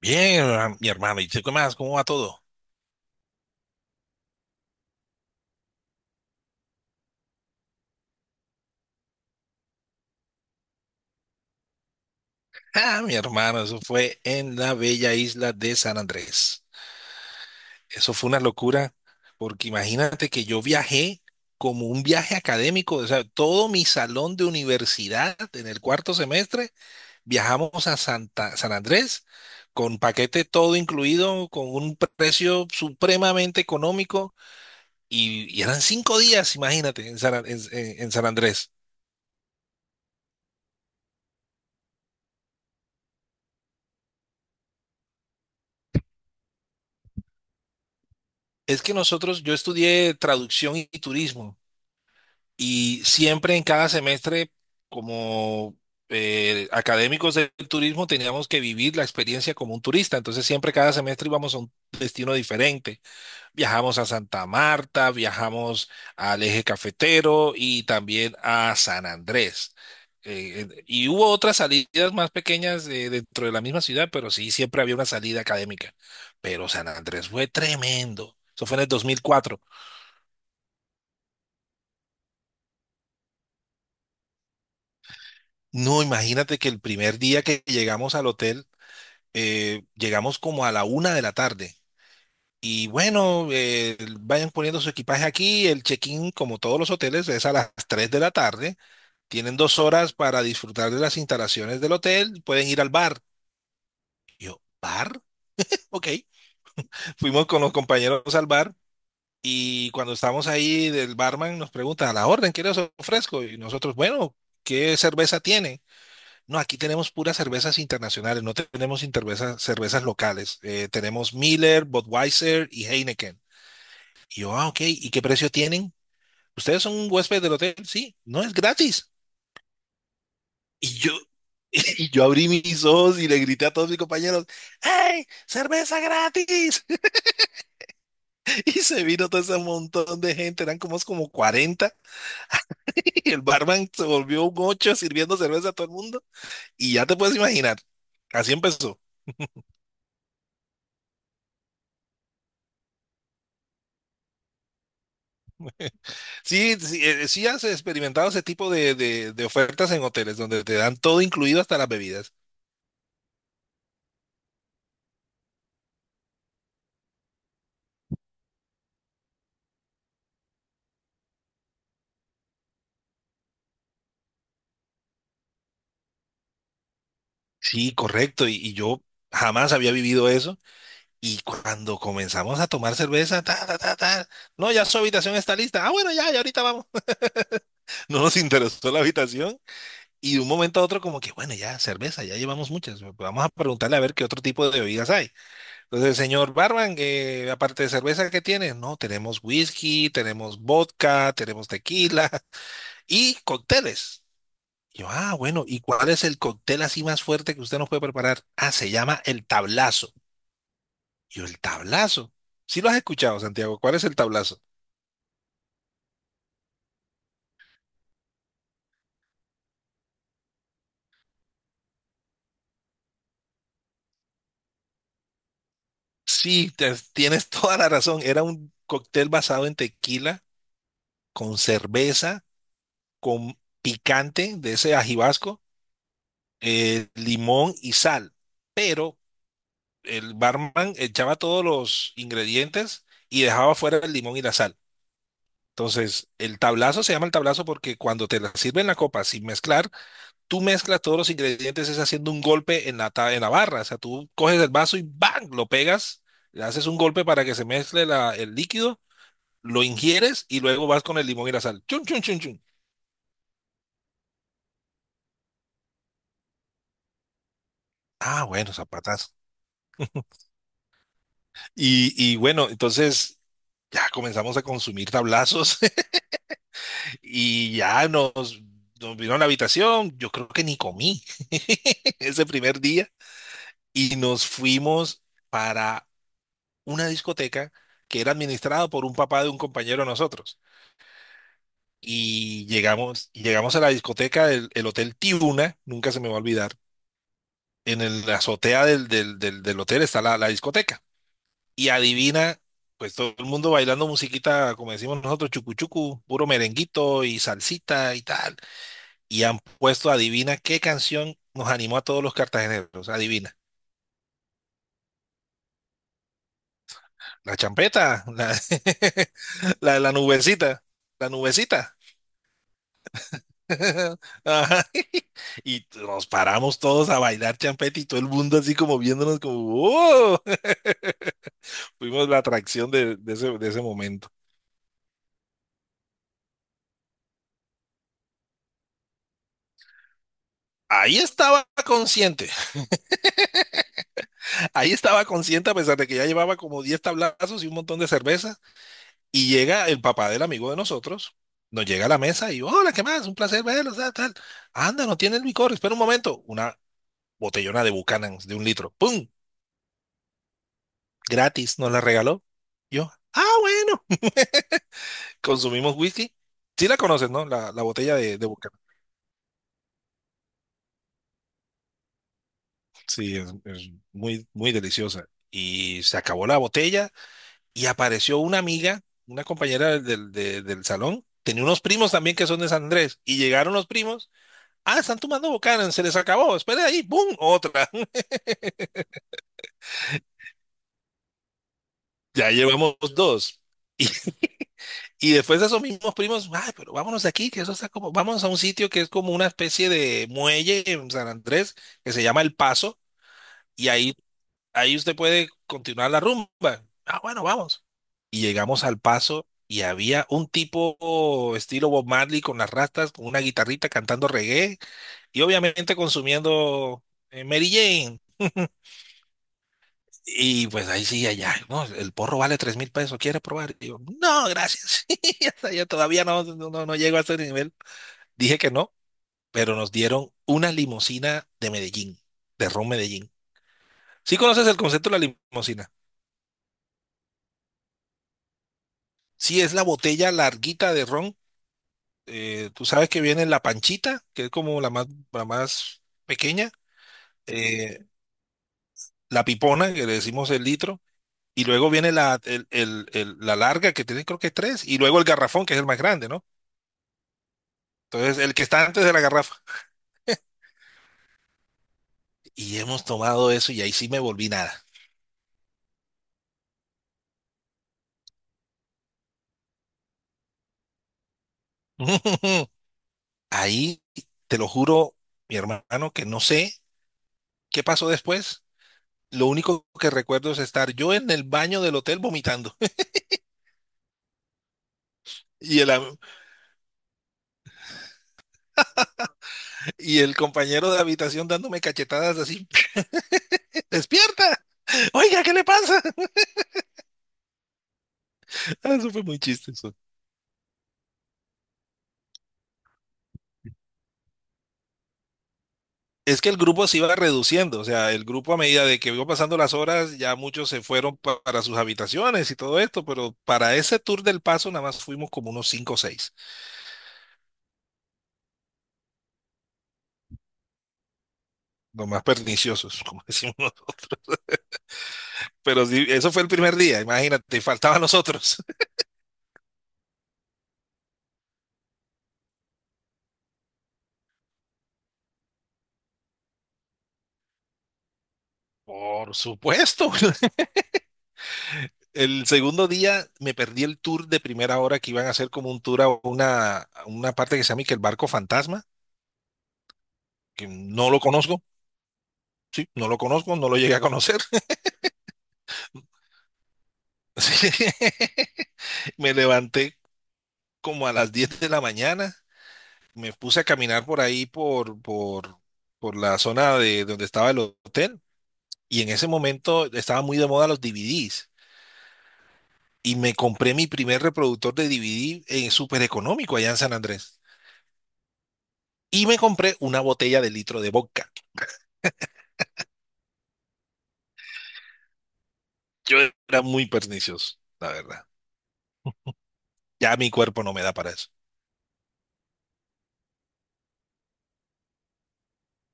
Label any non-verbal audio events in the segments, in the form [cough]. Bien, mi hermano. ¿Y tú qué más? ¿Cómo va todo? Ah, mi hermano, eso fue en la bella isla de San Andrés. Eso fue una locura, porque imagínate que yo viajé como un viaje académico, o sea, todo mi salón de universidad en el cuarto semestre viajamos a San Andrés con paquete todo incluido, con un precio supremamente económico y eran cinco días, imagínate, en en San Andrés. Es que nosotros, yo estudié traducción y turismo y siempre en cada semestre, como académicos del turismo, teníamos que vivir la experiencia como un turista. Entonces siempre cada semestre íbamos a un destino diferente. Viajamos a Santa Marta, viajamos al Eje Cafetero y también a San Andrés. Y hubo otras salidas más pequeñas dentro de la misma ciudad, pero sí, siempre había una salida académica. Pero San Andrés fue tremendo. Eso fue en el 2004. No, imagínate que el primer día que llegamos al hotel, llegamos como a la una de la tarde. Y bueno, vayan poniendo su equipaje aquí. El check-in, como todos los hoteles, es a las 3 de la tarde. Tienen dos horas para disfrutar de las instalaciones del hotel. Pueden ir al bar. Y yo, ¿bar? Ok. Fuimos con los compañeros al bar. Y cuando estamos ahí, el barman nos pregunta, ¿a la orden qué les ofrezco? Y nosotros, bueno, ¿qué cerveza tiene? No, aquí tenemos puras cervezas internacionales, no tenemos cervezas locales. Tenemos Miller, Budweiser y Heineken. Y yo, ah, ok, ¿y qué precio tienen? ¿Ustedes son un huésped del hotel? Sí, no es gratis. Y yo, [laughs] y yo abrí mis ojos y le grité a todos mis compañeros, ¡Hey, cerveza gratis! [laughs] Y se vino todo ese montón de gente, eran como 40, [laughs] y el barman se volvió un ocho sirviendo cerveza a todo el mundo. Y ya te puedes imaginar, así empezó. Sí, sí, sí has experimentado ese tipo de, de ofertas en hoteles donde te dan todo incluido hasta las bebidas. Sí, correcto. Y yo jamás había vivido eso. Y cuando comenzamos a tomar cerveza, ta, ta, ta, ta, no, ya su habitación está lista. Ah, bueno, ya ahorita vamos. [laughs] No nos interesó la habitación. Y de un momento a otro como que, bueno, ya, cerveza, ya llevamos muchas. Vamos a preguntarle a ver qué otro tipo de bebidas hay. Entonces, señor Barban, aparte de cerveza, ¿qué tienes? No, tenemos whisky, tenemos vodka, tenemos tequila [laughs] y cócteles. Y yo, ah, bueno, ¿y cuál es el cóctel así más fuerte que usted nos puede preparar? Ah, se llama el tablazo. Y yo, el tablazo. Sí lo has escuchado, Santiago. ¿Cuál es el tablazo? Sí, tienes [laughs] toda la razón. Era un cóctel basado en tequila, con cerveza, con picante de ese ajibasco, limón y sal, pero el barman echaba todos los ingredientes y dejaba fuera el limón y la sal. Entonces, el tablazo se llama el tablazo porque cuando te la sirven la copa sin mezclar, tú mezclas todos los ingredientes, es haciendo un golpe en en la barra. O sea, tú coges el vaso y ¡bang!, lo pegas, le haces un golpe para que se mezcle el líquido, lo ingieres y luego vas con el limón y la sal. ¡Chun, chun, chun, chun! Ah, bueno, zapatazo. Y bueno, entonces ya comenzamos a consumir tablazos. Y ya nos vino a la habitación, yo creo que ni comí [laughs] ese primer día. Y nos fuimos para una discoteca que era administrada por un papá de un compañero de nosotros. Y llegamos a la discoteca del el Hotel Tiuna, nunca se me va a olvidar. En la azotea del hotel está la discoteca. Y adivina, pues todo el mundo bailando musiquita, como decimos nosotros, chucu chucu, puro merenguito y salsita y tal. Y han puesto, adivina qué canción nos animó a todos los cartageneros, adivina. La champeta, [laughs] la nubecita, la nubecita. [laughs] Ajá. Y nos paramos todos a bailar champeta y todo el mundo así como viéndonos como, ¡oh! [laughs] Fuimos la atracción de, de ese momento. Ahí estaba consciente, ahí estaba consciente a pesar de que ya llevaba como 10 tablazos y un montón de cerveza. Y llega el papá del amigo de nosotros, nos llega a la mesa y, hola, ¿qué más? Un placer verlos, tal, tal. Anda, no tiene el licor, espera un momento. Una botellona de Buchanan's de un litro, ¡pum! Gratis, nos la regaló. Yo, ah, bueno, consumimos whisky. Sí la conoces, ¿no? La botella de Buchanan's. Sí, es, muy deliciosa. Y se acabó la botella y apareció una amiga, una compañera del del salón. Tenía unos primos también que son de San Andrés y llegaron los primos. Ah, están tomando Buchanan, se les acabó, espera ahí, ¡boom! Otra. [laughs] Ya llevamos dos. Y, y después de esos mismos primos, ay, pero vámonos de aquí, que eso está como, vamos a un sitio que es como una especie de muelle en San Andrés, que se llama El Paso, y ahí, ahí usted puede continuar la rumba. Ah, bueno, vamos. Y llegamos al Paso y había un tipo estilo Bob Marley con las rastas, con una guitarrita cantando reggae y obviamente consumiendo Mary Jane. Y pues ahí sí, allá, no, el porro vale 3000 pesos, ¿quiere probar? Y yo, no, gracias. [laughs] Yo todavía no, no llego a ese nivel. Dije que no, pero nos dieron una limusina de Medellín, de ron Medellín. ¿Sí conoces el concepto de la limusina? Sí, es la botella larguita de ron. Tú sabes que viene la panchita, que es como la más pequeña, eh, la pipona, que le decimos el litro, y luego viene la, el- la larga, que tiene creo que tres, y luego el garrafón, que es el más grande, no. Entonces, el que está antes de la garrafa. Y hemos tomado eso y ahí sí me volví nada. [laughs] Ahí, te lo juro, mi hermano, que no sé qué pasó después. Lo único que recuerdo es estar yo en el baño del hotel vomitando [laughs] y y el compañero de habitación dándome cachetadas así, [laughs] despierta, oiga, ¿qué le pasa? [laughs] Eso fue muy chistoso. Es que el grupo se iba reduciendo, o sea, el grupo a medida de que iba pasando las horas, ya muchos se fueron para sus habitaciones y todo esto, pero para ese tour del paso nada más fuimos como unos cinco o seis, los más perniciosos, [laughs] como decimos nosotros. Pero sí, eso fue el primer día, imagínate, y faltaban nosotros. [laughs] Por supuesto. [laughs] El segundo día me perdí el tour de primera hora que iban a hacer como un tour a a una parte que se llama y que el barco fantasma, que no lo conozco, sí, no lo conozco, no lo llegué a conocer. [laughs] Sí. Me levanté como a las 10 de la mañana, me puse a caminar por ahí, por la zona de donde estaba el hotel, y en ese momento estaba muy de moda los DVDs, y me compré mi primer reproductor de DVD en súper económico allá en San Andrés, y me compré una botella de litro de vodka. Yo era muy pernicioso, la verdad. Ya mi cuerpo no me da para eso.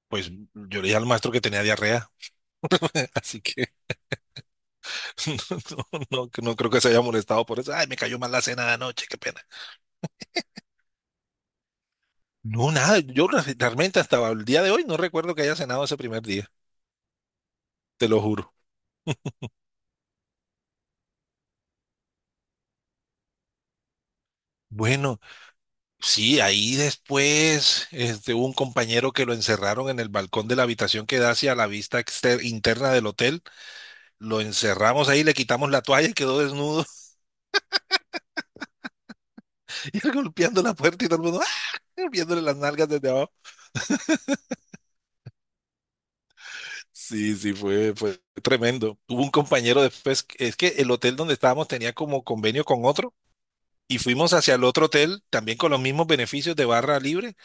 Pues yo le dije al maestro que tenía diarrea, [laughs] así que [laughs] no, creo que se haya molestado por eso. Ay, me cayó mal la cena de anoche, qué pena. No, nada, yo realmente hasta el día de hoy no recuerdo que haya cenado ese primer día, te lo juro. Bueno, sí, ahí después este, hubo un compañero que lo encerraron en el balcón de la habitación que da hacia la vista interna del hotel. Lo encerramos ahí, le quitamos la toalla y quedó desnudo [laughs] y él golpeando la puerta y todo el mundo ¡ah!, viéndole las nalgas desde abajo. Sí, sí, fue tremendo. Hubo un compañero después, es que el hotel donde estábamos tenía como convenio con otro y fuimos hacia el otro hotel también con los mismos beneficios de barra libre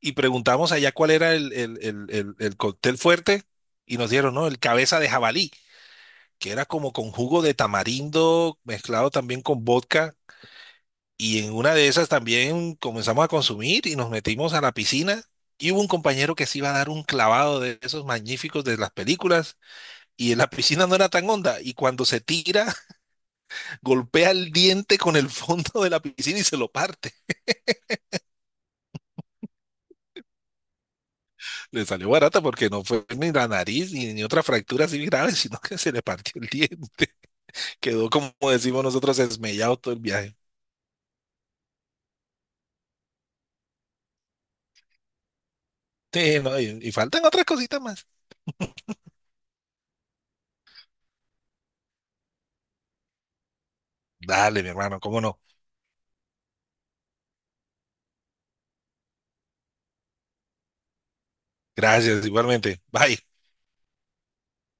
y preguntamos allá cuál era el cóctel fuerte y nos dieron, ¿no? El cabeza de jabalí, que era como con jugo de tamarindo mezclado también con vodka. Y en una de esas también comenzamos a consumir y nos metimos a la piscina. Y hubo un compañero que se iba a dar un clavado de esos magníficos de las películas y en la piscina no era tan honda y cuando se tira [laughs] golpea el diente con el fondo de la piscina y se lo parte. Le salió barata porque no fue ni la nariz ni, ni otra fractura así grave, [laughs] sino que se le partió el diente. Quedó como decimos nosotros, esmellado todo el viaje. Sí, no, y faltan otras cositas más. Dale, mi hermano, cómo no. Gracias, igualmente. Bye.